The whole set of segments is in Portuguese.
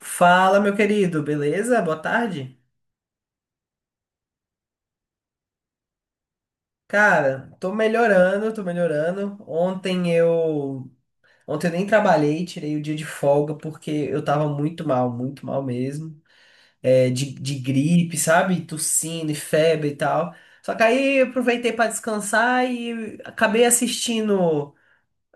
Fala, meu querido, beleza? Boa tarde. Cara, tô melhorando, tô melhorando. Ontem eu nem trabalhei, tirei o dia de folga porque eu tava muito mal mesmo. É, de gripe, sabe? Tossindo e febre e tal. Só que aí eu aproveitei pra descansar e acabei assistindo,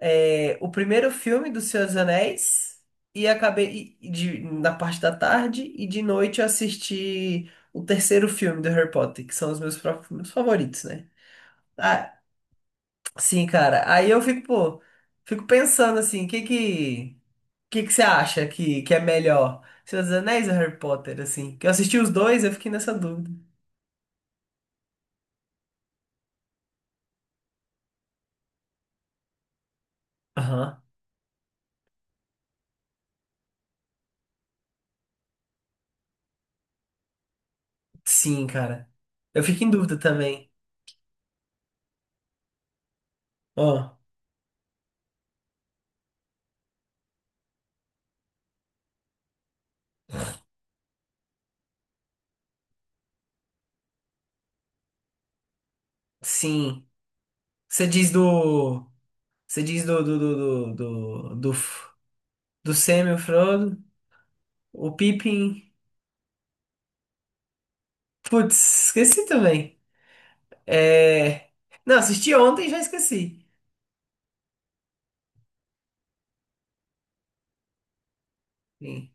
é, o primeiro filme do Senhor dos Anéis e acabei na parte da tarde e de noite eu assisti o terceiro filme do Harry Potter, que são os meus próprios filmes favoritos, né? Ah, sim, cara. Aí eu fico, pô, fico pensando assim, que que você acha que é melhor? Senhor dos Anéis ou Harry Potter, assim? Que eu assisti os dois, eu fiquei nessa dúvida. Aham. Sim, cara. Eu fico em dúvida também. Ó, sim. Você diz do Você diz do, do, F- do Sam e o Frodo, o Pippin. Putz, esqueci também. É... Não, assisti ontem e já esqueci. Sim.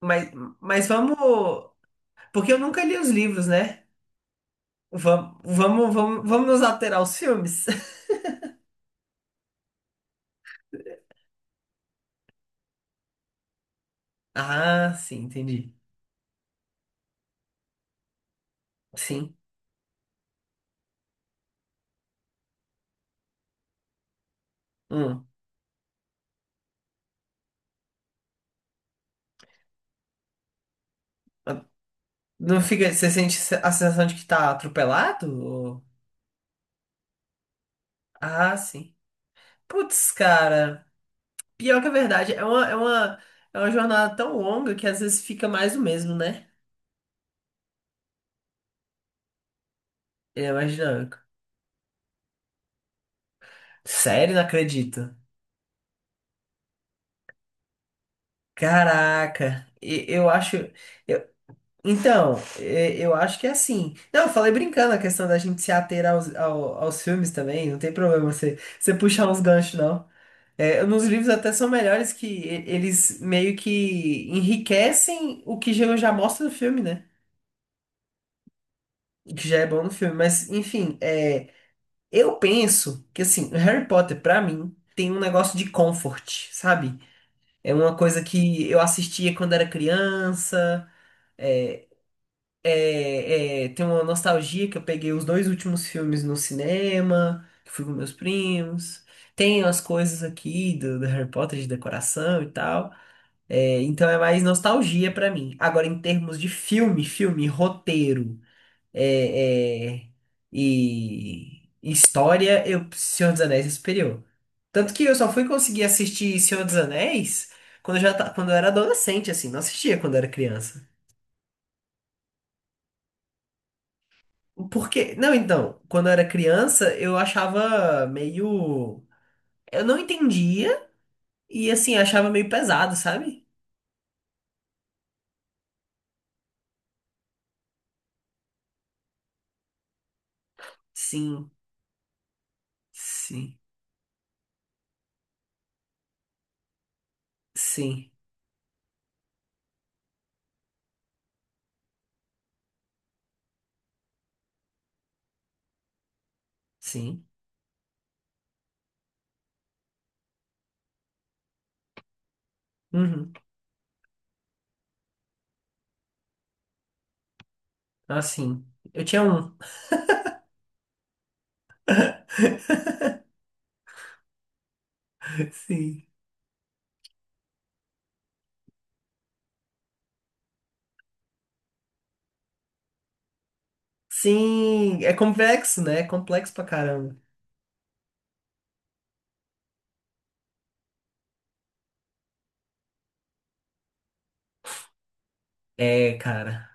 Mas, mas vamos. Porque eu nunca li os livros, né? Vamos, vamos, vamos, vamos nos alterar aos filmes. Ah, sim, entendi. Sim. Hum. Não fica. Você sente a sensação de que tá atropelado? Ah, sim. Putz, cara. Pior que a verdade, é uma jornada tão longa que às vezes fica mais o mesmo, né? Ele é mais dinâmico. Sério, não acredito. Caraca, eu acho. eu- então, eu acho que é assim. Não, eu falei brincando a questão da gente se ater aos filmes também, não tem problema você, puxar uns ganchos, não. É, nos livros até são melhores que eles meio que enriquecem o que já mostra no filme, né? O que já é bom no filme. Mas, enfim, é. Eu penso que, assim, Harry Potter, pra mim, tem um negócio de comfort, sabe? É uma coisa que eu assistia quando era criança. É, é, tem uma nostalgia que eu peguei os dois últimos filmes no cinema, que fui com meus primos. Tem as coisas aqui do Harry Potter de decoração e tal. É, então é mais nostalgia pra mim. Agora, em termos de filme, filme, roteiro é, é, e história, Senhor dos Anéis é superior. Tanto que eu só fui conseguir assistir Senhor dos Anéis quando eu era adolescente, assim, não assistia quando eu era criança. Porque, não, então, quando eu era criança, eu não entendia e assim, achava meio pesado, sabe? Sim, sim, sim, sim. Uhum. Assim, eu tinha um. Sim. Sim, é complexo, né? É complexo pra caramba. É, cara.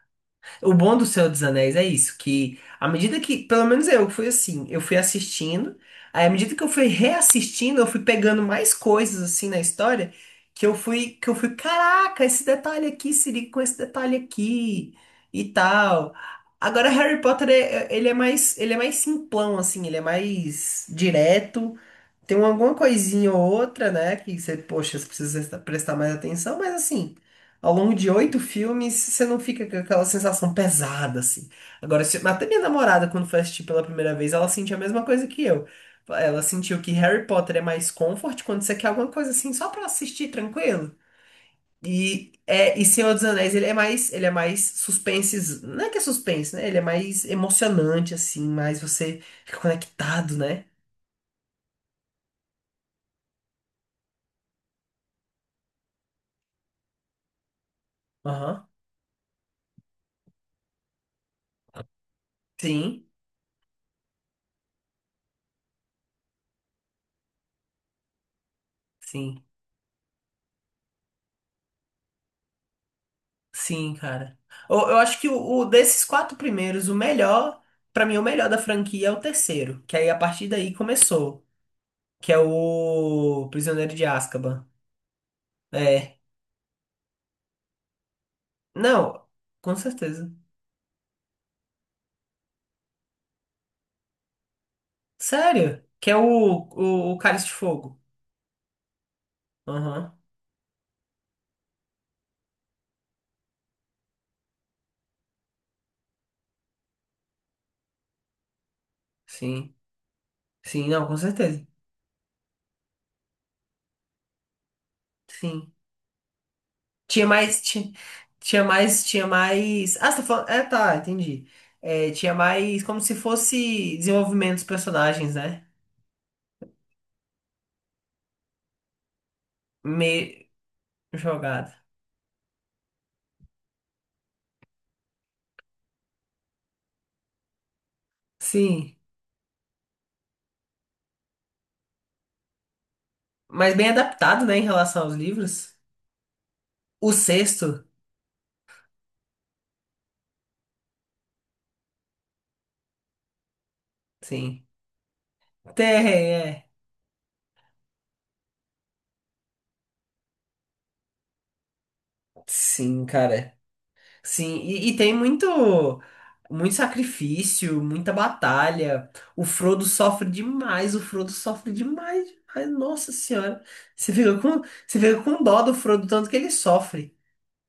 O bom do Senhor dos Anéis é isso, que à medida que, pelo menos eu fui assim, eu fui assistindo, aí à medida que eu fui reassistindo, eu fui pegando mais coisas assim na história, que eu fui, caraca, esse detalhe aqui se liga com esse detalhe aqui e tal. Agora Harry Potter ele é mais, simplão assim, ele é mais direto. Tem alguma coisinha ou outra, né, que você, poxa, você precisa prestar mais atenção, mas assim, ao longo de oito filmes, você não fica com aquela sensação pesada, assim. Agora, até minha namorada, quando foi assistir pela primeira vez, ela sentiu a mesma coisa que eu. Ela sentiu que Harry Potter é mais comfort quando você quer alguma coisa assim, só pra assistir tranquilo. E Senhor dos Anéis, ele é mais suspense, não é que é suspense, né? Ele é mais emocionante, assim, mais você fica conectado, né? Aham. Sim, sim. Sim, cara. Eu acho que desses quatro primeiros, o melhor, pra mim, o melhor da franquia é o terceiro, que aí a partir daí começou, que é o Prisioneiro de Azkaban. É. Não, com certeza. Sério? Que é o Cálice de Fogo. Aham. Sim. Sim, não, com certeza. Sim. Tinha mais, tinha mais, tinha mais. Ah, você tá falando. É, tá, entendi. É, tinha mais como se fosse desenvolvimento dos personagens, né? Meio jogado. Sim, mas bem adaptado, né, em relação aos livros. O sexto, sim. Tem, é. Sim, cara. Sim, e tem muito, muito sacrifício, muita batalha. O Frodo sofre demais, o Frodo sofre demais, demais. Nossa Senhora. Você fica com, você fica com dó do Frodo, tanto que ele sofre.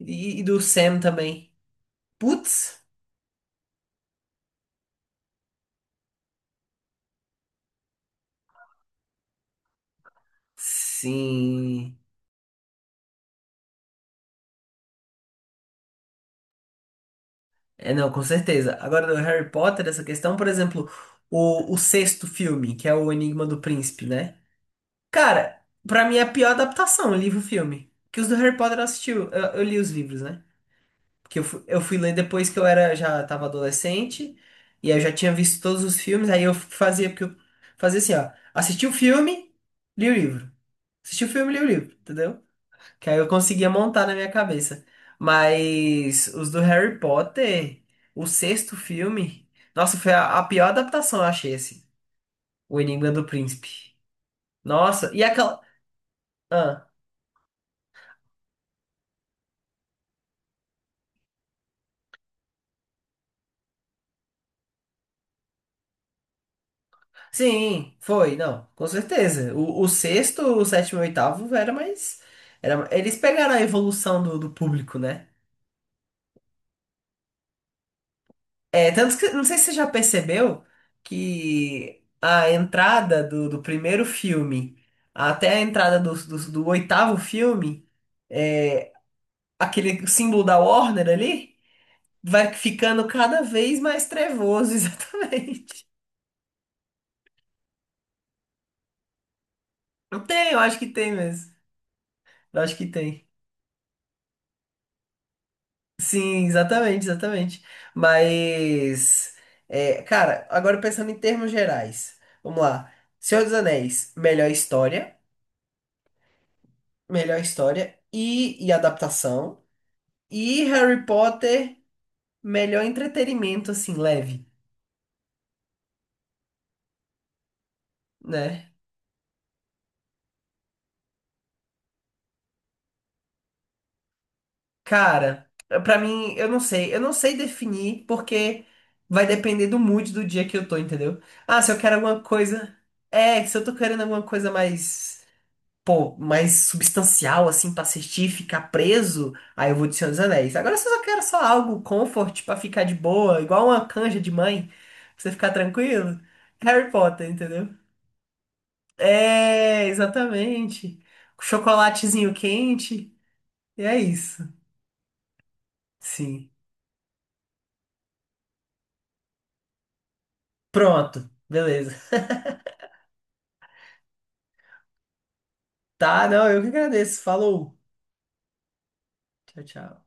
E do Sam também. Putz. Sim. É, não, com certeza. Agora, do Harry Potter, essa questão, por exemplo, o sexto filme, que é o Enigma do Príncipe, né? Cara, pra mim é a pior adaptação, livro-filme. Que os do Harry Potter eu assisti, eu li os livros, né? Porque eu fui ler depois que eu era, já tava adolescente, e aí eu já tinha visto todos os filmes, aí eu fazia, porque eu fazia assim, ó, assisti o filme, li o livro. Assisti o filme, li o livro, entendeu? Que aí eu conseguia montar na minha cabeça. Mas os do Harry Potter, o sexto filme, nossa, foi a pior adaptação, eu achei, assim. O Enigma do Príncipe. Nossa, e aquela. Ah, sim, foi, não, com certeza. O sexto, o sétimo e o oitavo era mais. Eles pegaram a evolução do público, né? É, tanto que, não sei se você já percebeu que a entrada do primeiro filme até a entrada do oitavo filme. Aquele símbolo da Warner ali vai ficando cada vez mais trevoso, exatamente. Eu tenho, eu acho que tem mesmo. Eu acho que tem. Sim, exatamente, exatamente. Mas, cara, agora pensando em termos gerais, vamos lá. Senhor dos Anéis, melhor história e adaptação. E Harry Potter, melhor entretenimento, assim, leve, né? Cara, pra mim, eu não sei. Eu não sei definir porque vai depender do mood do dia que eu tô, entendeu? Ah, se eu quero alguma coisa. É, se eu tô querendo alguma coisa mais. Pô, mais substancial, assim, pra assistir, ficar preso, aí eu vou de Senhor dos Anéis. Agora, se eu só quero só algo comfort pra ficar de boa, igual uma canja de mãe, pra você ficar tranquilo, Harry Potter, entendeu? É, exatamente. Chocolatezinho quente, e é isso. Sim. Pronto, beleza. Tá, não, eu que agradeço. Falou. Tchau, tchau.